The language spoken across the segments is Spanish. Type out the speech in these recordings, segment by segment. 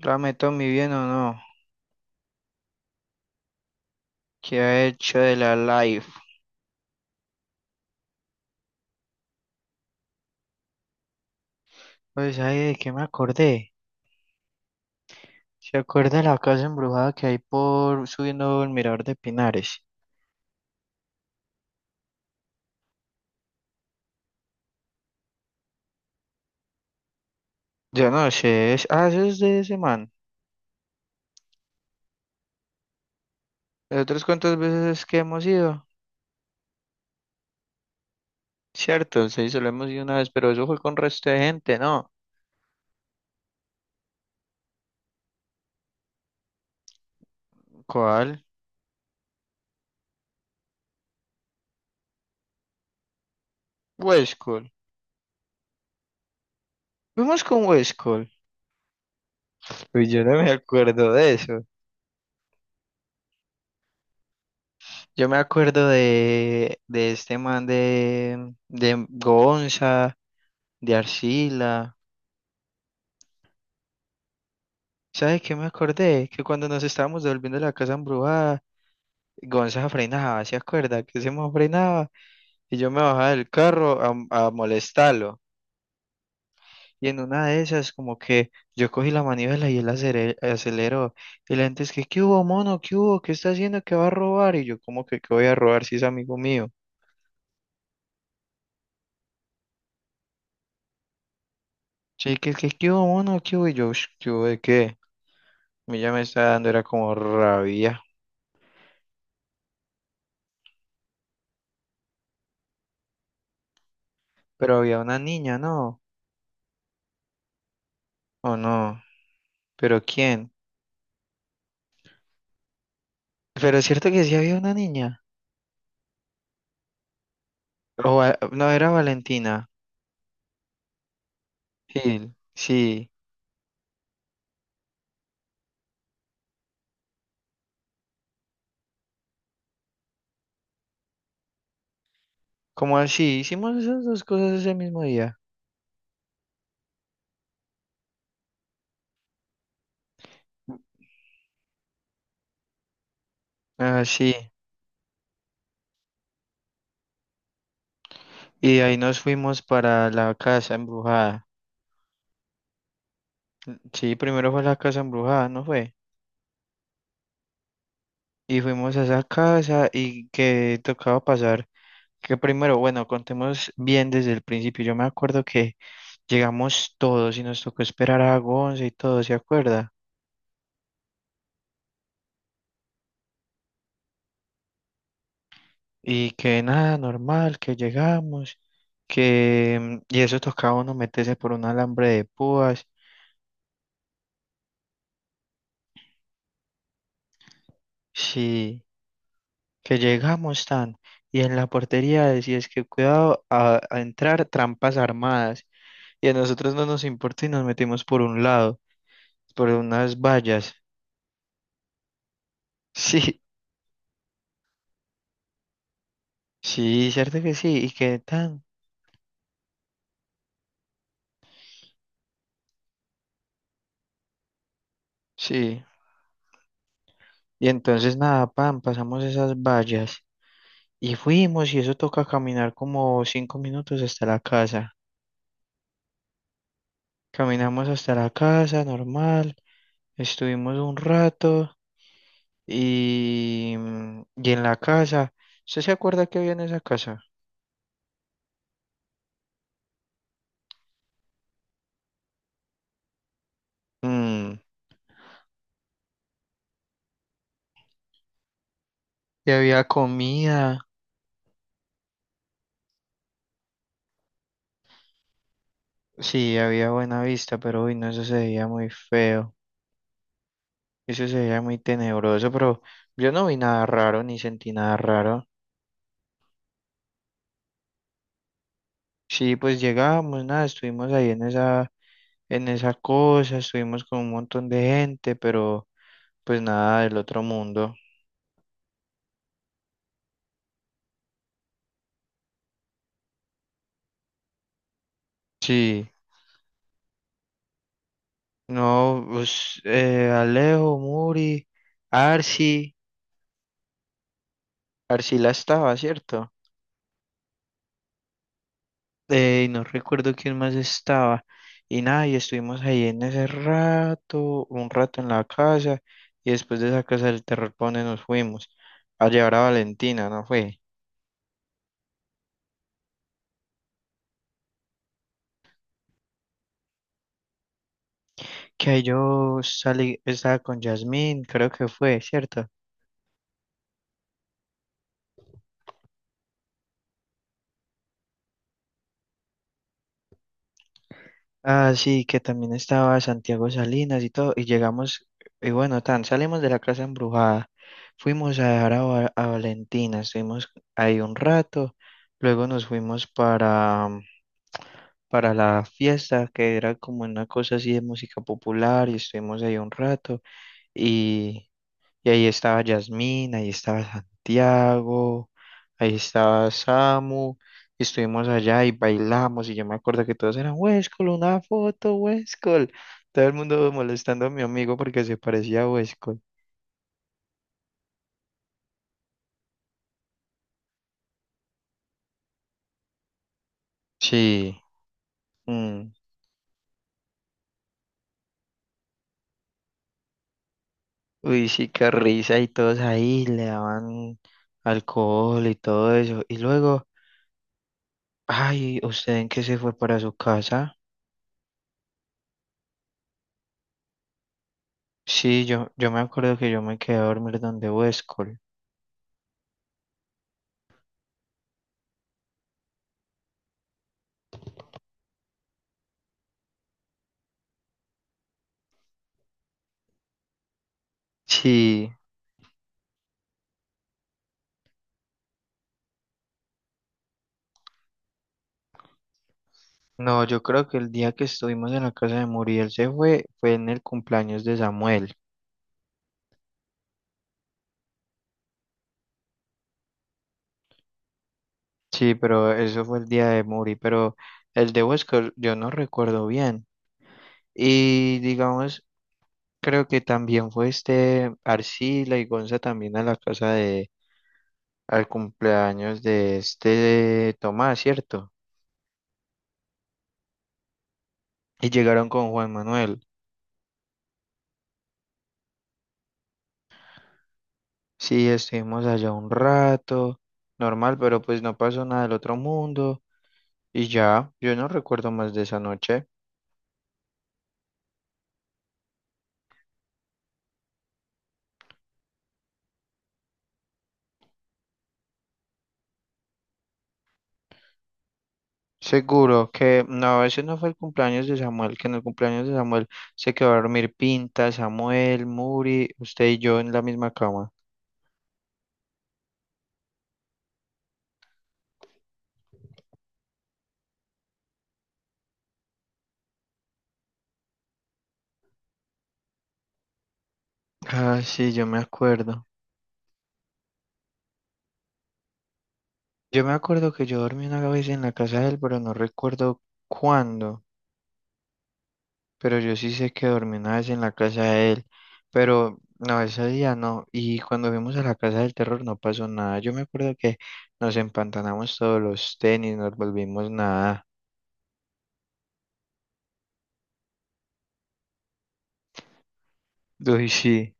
Rame Tommy, ¿bien o no? ¿Qué ha hecho de la live? Pues, ay, ¿de qué me acordé? ¿Se acuerda de la casa embrujada que hay por subiendo el mirador de Pinares? Yo no sé, es... eso es de ese man. ¿De otras cuántas veces que hemos ido? Cierto, sí, solo hemos ido una vez, pero eso fue con resto de gente, ¿no? ¿Cuál? Westcol. Fuimos con Westcol. Pues yo no me acuerdo de eso. Yo me acuerdo de este man de Gonza, de Arcila. ¿Sabes qué me acordé? Que cuando nos estábamos devolviendo a la casa embrujada, Gonza frenaba, ¿se acuerda? Que se me frenaba y yo me bajaba del carro a molestarlo. Y en una de esas, como que yo cogí la manivela y él aceleró. Y la gente es que, ¿qué hubo, mono? ¿Qué hubo? ¿Qué está haciendo? ¿Qué va a robar? Y yo, como que, ¿qué voy a robar si es amigo mío? Sí, que, ¿qué hubo, mono? ¿Qué hubo? Y yo, "Ush, ¿qué hubo de qué? A mí ya me estaba dando, era como rabia. Pero había una niña, ¿no? ¿O no? ¿Pero quién? Pero es cierto que sí había una niña. No, era Valentina. Sí, sí. Como así, hicimos esas dos cosas ese mismo día. Ah, sí. Y de ahí nos fuimos para la casa embrujada. Sí, primero fue la casa embrujada, ¿no fue? Y fuimos a esa casa y que tocaba pasar. Que primero, bueno, contemos bien desde el principio. Yo me acuerdo que llegamos todos y nos tocó esperar a Gonza y todo, ¿se acuerda? Y que nada, normal, que llegamos, que... y eso tocaba uno meterse por un alambre de púas. Sí, que llegamos tan. Y en la portería decías que cuidado a entrar trampas armadas. Y a nosotros no nos importa y nos metimos por un lado, por unas vallas. Sí, sí, cierto que sí. Y que tan. Sí. Y entonces nada, pan, pasamos esas vallas. Y fuimos y eso toca caminar como 5 minutos hasta la casa. Caminamos hasta la casa, normal, estuvimos un rato y, y en la casa, ¿usted se acuerda que había en esa casa? Mm, y había comida, sí, había buena vista, pero uy, no, eso se veía muy feo, eso se veía muy tenebroso, pero yo no vi nada raro ni sentí nada raro. Sí, pues llegamos, nada, estuvimos ahí en esa cosa, estuvimos con un montón de gente, pero pues nada del otro mundo. Sí. No, pues Alejo, Muri, Arsi, Arcila estaba, ¿cierto? Y no recuerdo quién más estaba. Y nada, y estuvimos ahí en ese rato, un rato en la casa, y después de esa casa del terror, ¿pa' dónde nos fuimos? A llevar a Valentina, ¿no fue? Que ahí yo salí, estaba con Yasmín, creo que fue, ¿cierto? Ah, sí, que también estaba Santiago Salinas y todo, y llegamos, y bueno, tan, salimos de la casa embrujada, fuimos a dejar Va- a Valentina, estuvimos ahí un rato, luego nos fuimos para, para la fiesta, que era como una cosa así de música popular, y estuvimos ahí un rato, y ahí estaba Yasmín, ahí estaba Santiago, ahí estaba Samu, y estuvimos allá y bailamos, y yo me acuerdo que todos eran, Huescol, una foto, Huescol. Todo el mundo molestando a mi amigo porque se parecía a Huescol. Sí, mm. Uy, sí, qué risa, y todos ahí le daban alcohol y todo eso. Y luego, ay, ¿usted en qué se fue para su casa? Sí, yo me acuerdo que yo me quedé a dormir donde Huescol. Sí. No, yo creo que el día que estuvimos en la casa de Muriel se fue, fue en el cumpleaños de Samuel. Sí, pero eso fue el día de Muri, pero el de Huesca yo no recuerdo bien. Y digamos, creo que también fue este Arcila y Gonza también a la casa de, al cumpleaños de este Tomás, ¿cierto? Y llegaron con Juan Manuel. Sí, estuvimos allá un rato, normal, pero pues no pasó nada del otro mundo. Y ya, yo no recuerdo más de esa noche. Seguro que no, ese no fue el cumpleaños de Samuel, que en el cumpleaños de Samuel se quedó a dormir Pinta, Samuel, Muri, usted y yo en la misma cama. Ah, sí, yo me acuerdo. Yo me acuerdo que yo dormí una vez en la casa de él, pero no recuerdo cuándo, pero yo sí sé que dormí una vez en la casa de él, pero no, ese día no, y cuando fuimos a la casa del terror no pasó nada. Yo me acuerdo que nos empantanamos todos los tenis, nos volvimos nada. Uy, sí.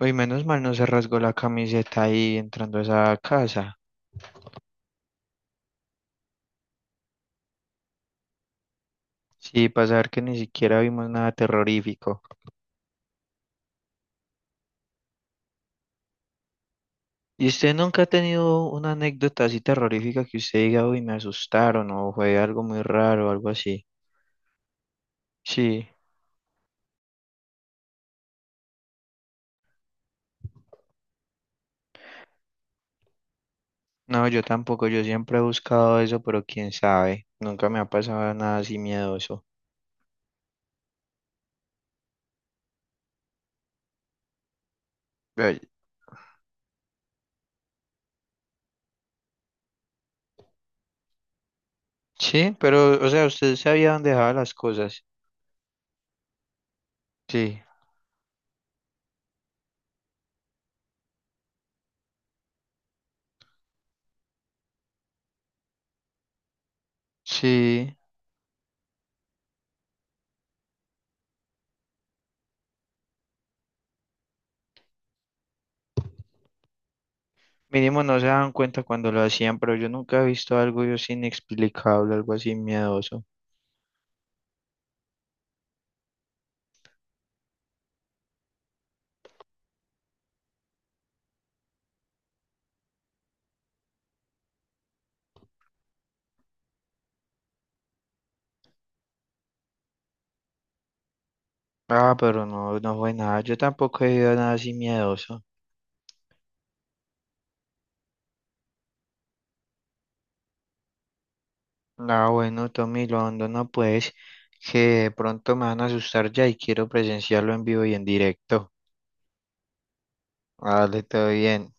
Uy, menos mal no se rasgó la camiseta ahí entrando a esa casa. Sí, para saber que ni siquiera vimos nada terrorífico. ¿Y usted nunca ha tenido una anécdota así terrorífica que usted diga, uy, me asustaron o fue algo muy raro o algo así? Sí, no, yo tampoco, yo siempre he buscado eso, pero quién sabe, nunca me ha pasado nada así miedoso. Ay, sí, pero, o sea, usted sabía dónde dejaba las cosas. Sí, sí. Mínimo no se daban cuenta cuando lo hacían, pero yo nunca he visto algo yo así inexplicable, algo así miedoso. Ah, pero no, no fue nada. Yo tampoco he ido a nada así miedoso. Ah, bueno, Tommy Londo, no pues, que de pronto me van a asustar ya y quiero presenciarlo en vivo y en directo. Dale, todo bien.